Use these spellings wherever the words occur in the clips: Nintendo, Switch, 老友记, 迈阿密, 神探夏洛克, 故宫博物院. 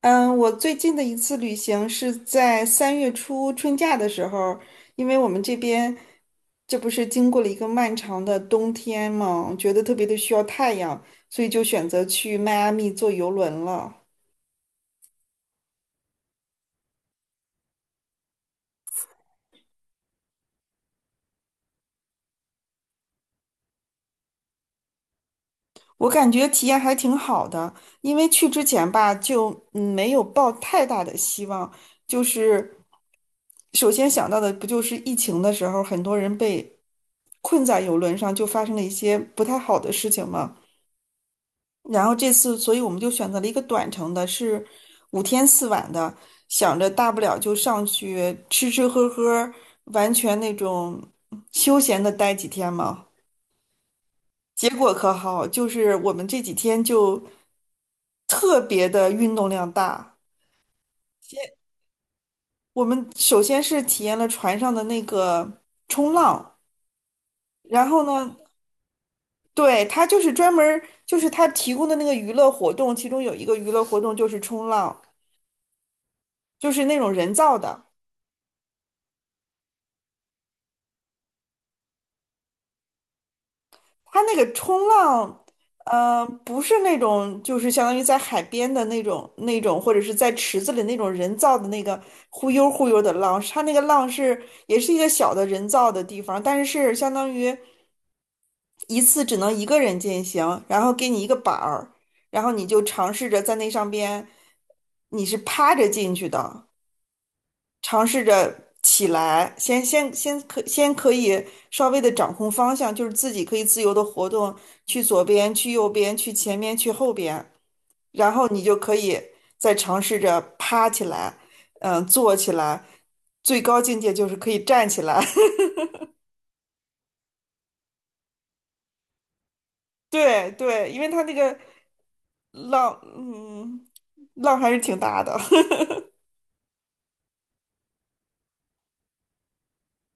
嗯，我最近的一次旅行是在三月初春假的时候，因为我们这边这不是经过了一个漫长的冬天嘛，觉得特别的需要太阳，所以就选择去迈阿密坐游轮了。我感觉体验还挺好的，因为去之前吧，就没有抱太大的希望，就是首先想到的不就是疫情的时候，很多人被困在游轮上，就发生了一些不太好的事情嘛。然后这次，所以我们就选择了一个短程的，是五天四晚的，想着大不了就上去吃吃喝喝，完全那种休闲的待几天嘛。结果可好，就是我们这几天就特别的运动量大。我们首先是体验了船上的那个冲浪，然后呢，对，他就是专门儿就是他提供的那个娱乐活动，其中有一个娱乐活动就是冲浪，就是那种人造的。它那个冲浪，不是那种就是相当于在海边的那种，或者是在池子里那种人造的那个忽悠忽悠的浪，它那个浪是也是一个小的人造的地方，但是是相当于一次只能一个人进行，然后给你一个板儿，然后你就尝试着在那上边，你是趴着进去的。尝试着起来，先可以稍微的掌控方向，就是自己可以自由的活动，去左边，去右边，去前面，去后边，然后你就可以再尝试着趴起来，嗯，坐起来，最高境界就是可以站起来。对对，因为它那个浪，嗯，浪还是挺大的。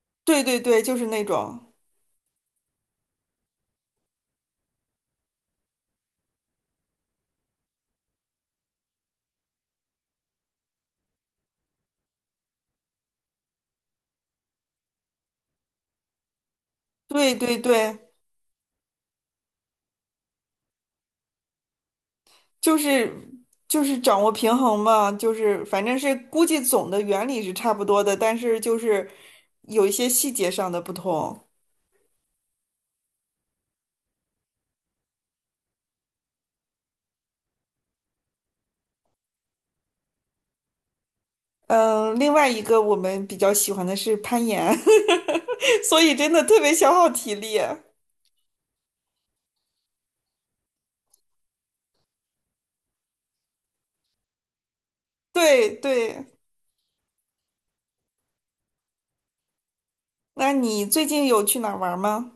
对对对，就是那种，对对对。就是就是掌握平衡嘛，就是反正是估计总的原理是差不多的，但是就是有一些细节上的不同。嗯，另外一个我们比较喜欢的是攀岩，所以真的特别消耗体力。对对，那你最近有去哪儿玩儿吗？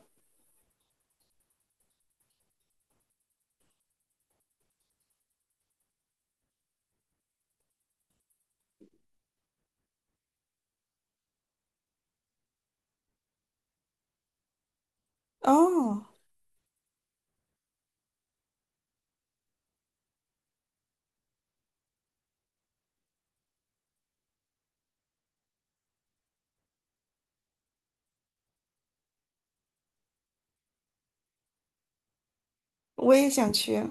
哦，我也想去。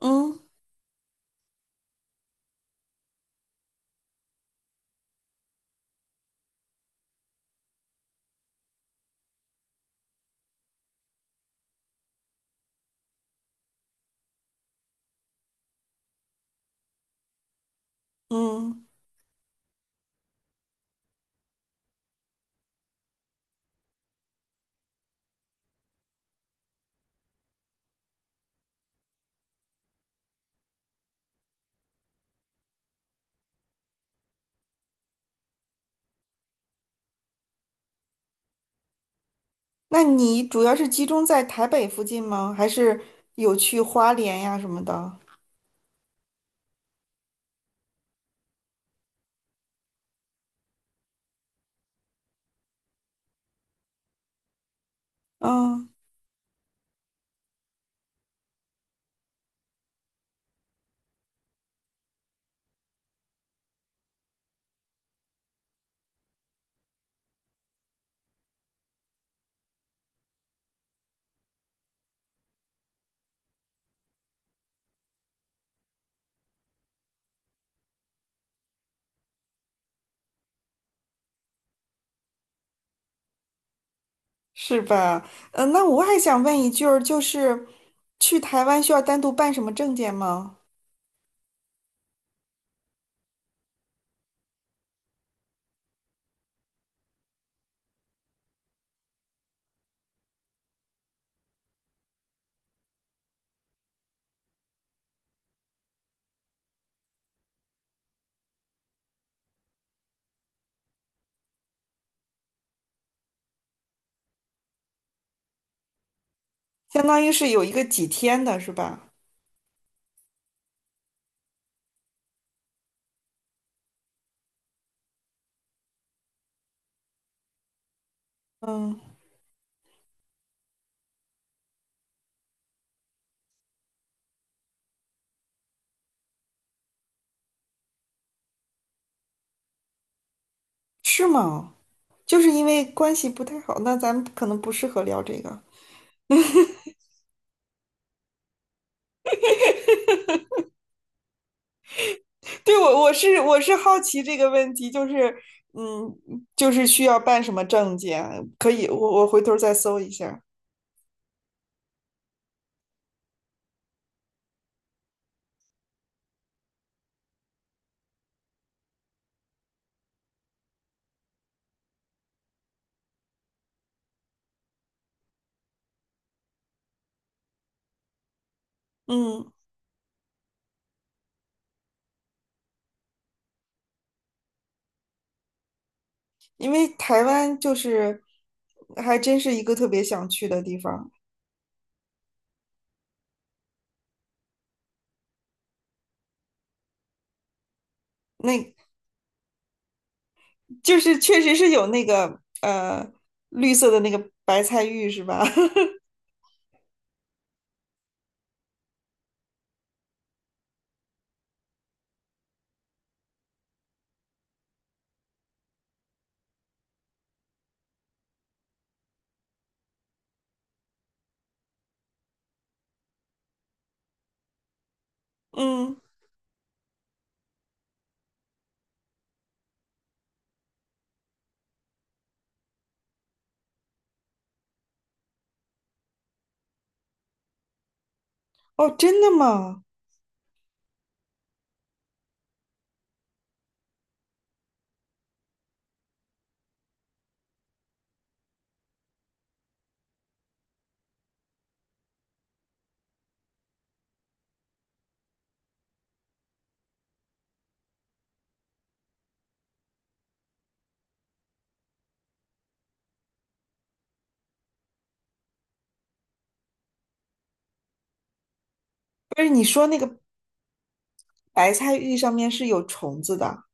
嗯嗯，那你主要是集中在台北附近吗？还是有去花莲呀什么的？嗯。是吧？嗯，那我还想问一句儿，就是去台湾需要单独办什么证件吗？相当于是有一个几天的，是吧？嗯，是吗？就是因为关系不太好，那咱们可能不适合聊这个。对，我是好奇这个问题，就是嗯，就是需要办什么证件？可以，我我回头儿再搜一下。嗯，因为台湾就是还真是一个特别想去的地方。那就是确实是有那个绿色的那个白菜玉是吧？嗯，哦，真的吗？不是你说那个白菜玉上面是有虫子的？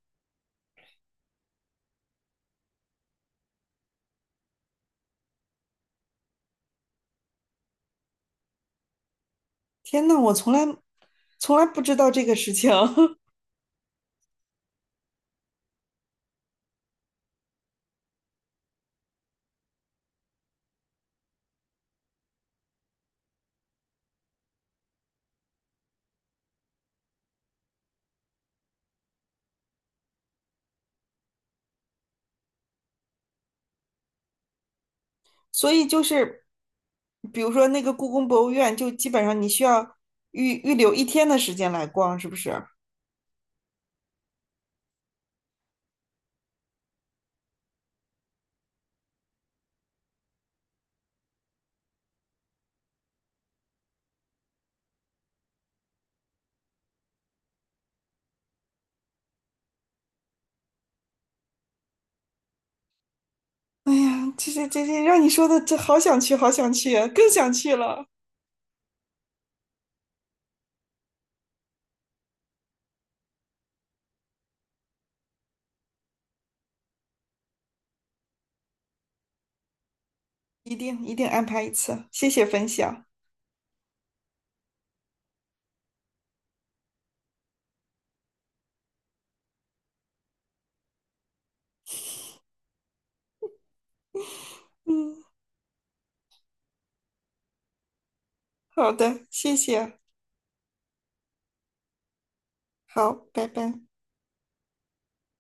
天呐，我从来不知道这个事情，所以就是比如说那个故宫博物院，就基本上你需要预留一天的时间来逛，是不是？哎呀，这这这这，让你说的这好想去，好想去啊更想去了，一定一定安排一次，谢谢分享。好的，谢谢。好，拜拜。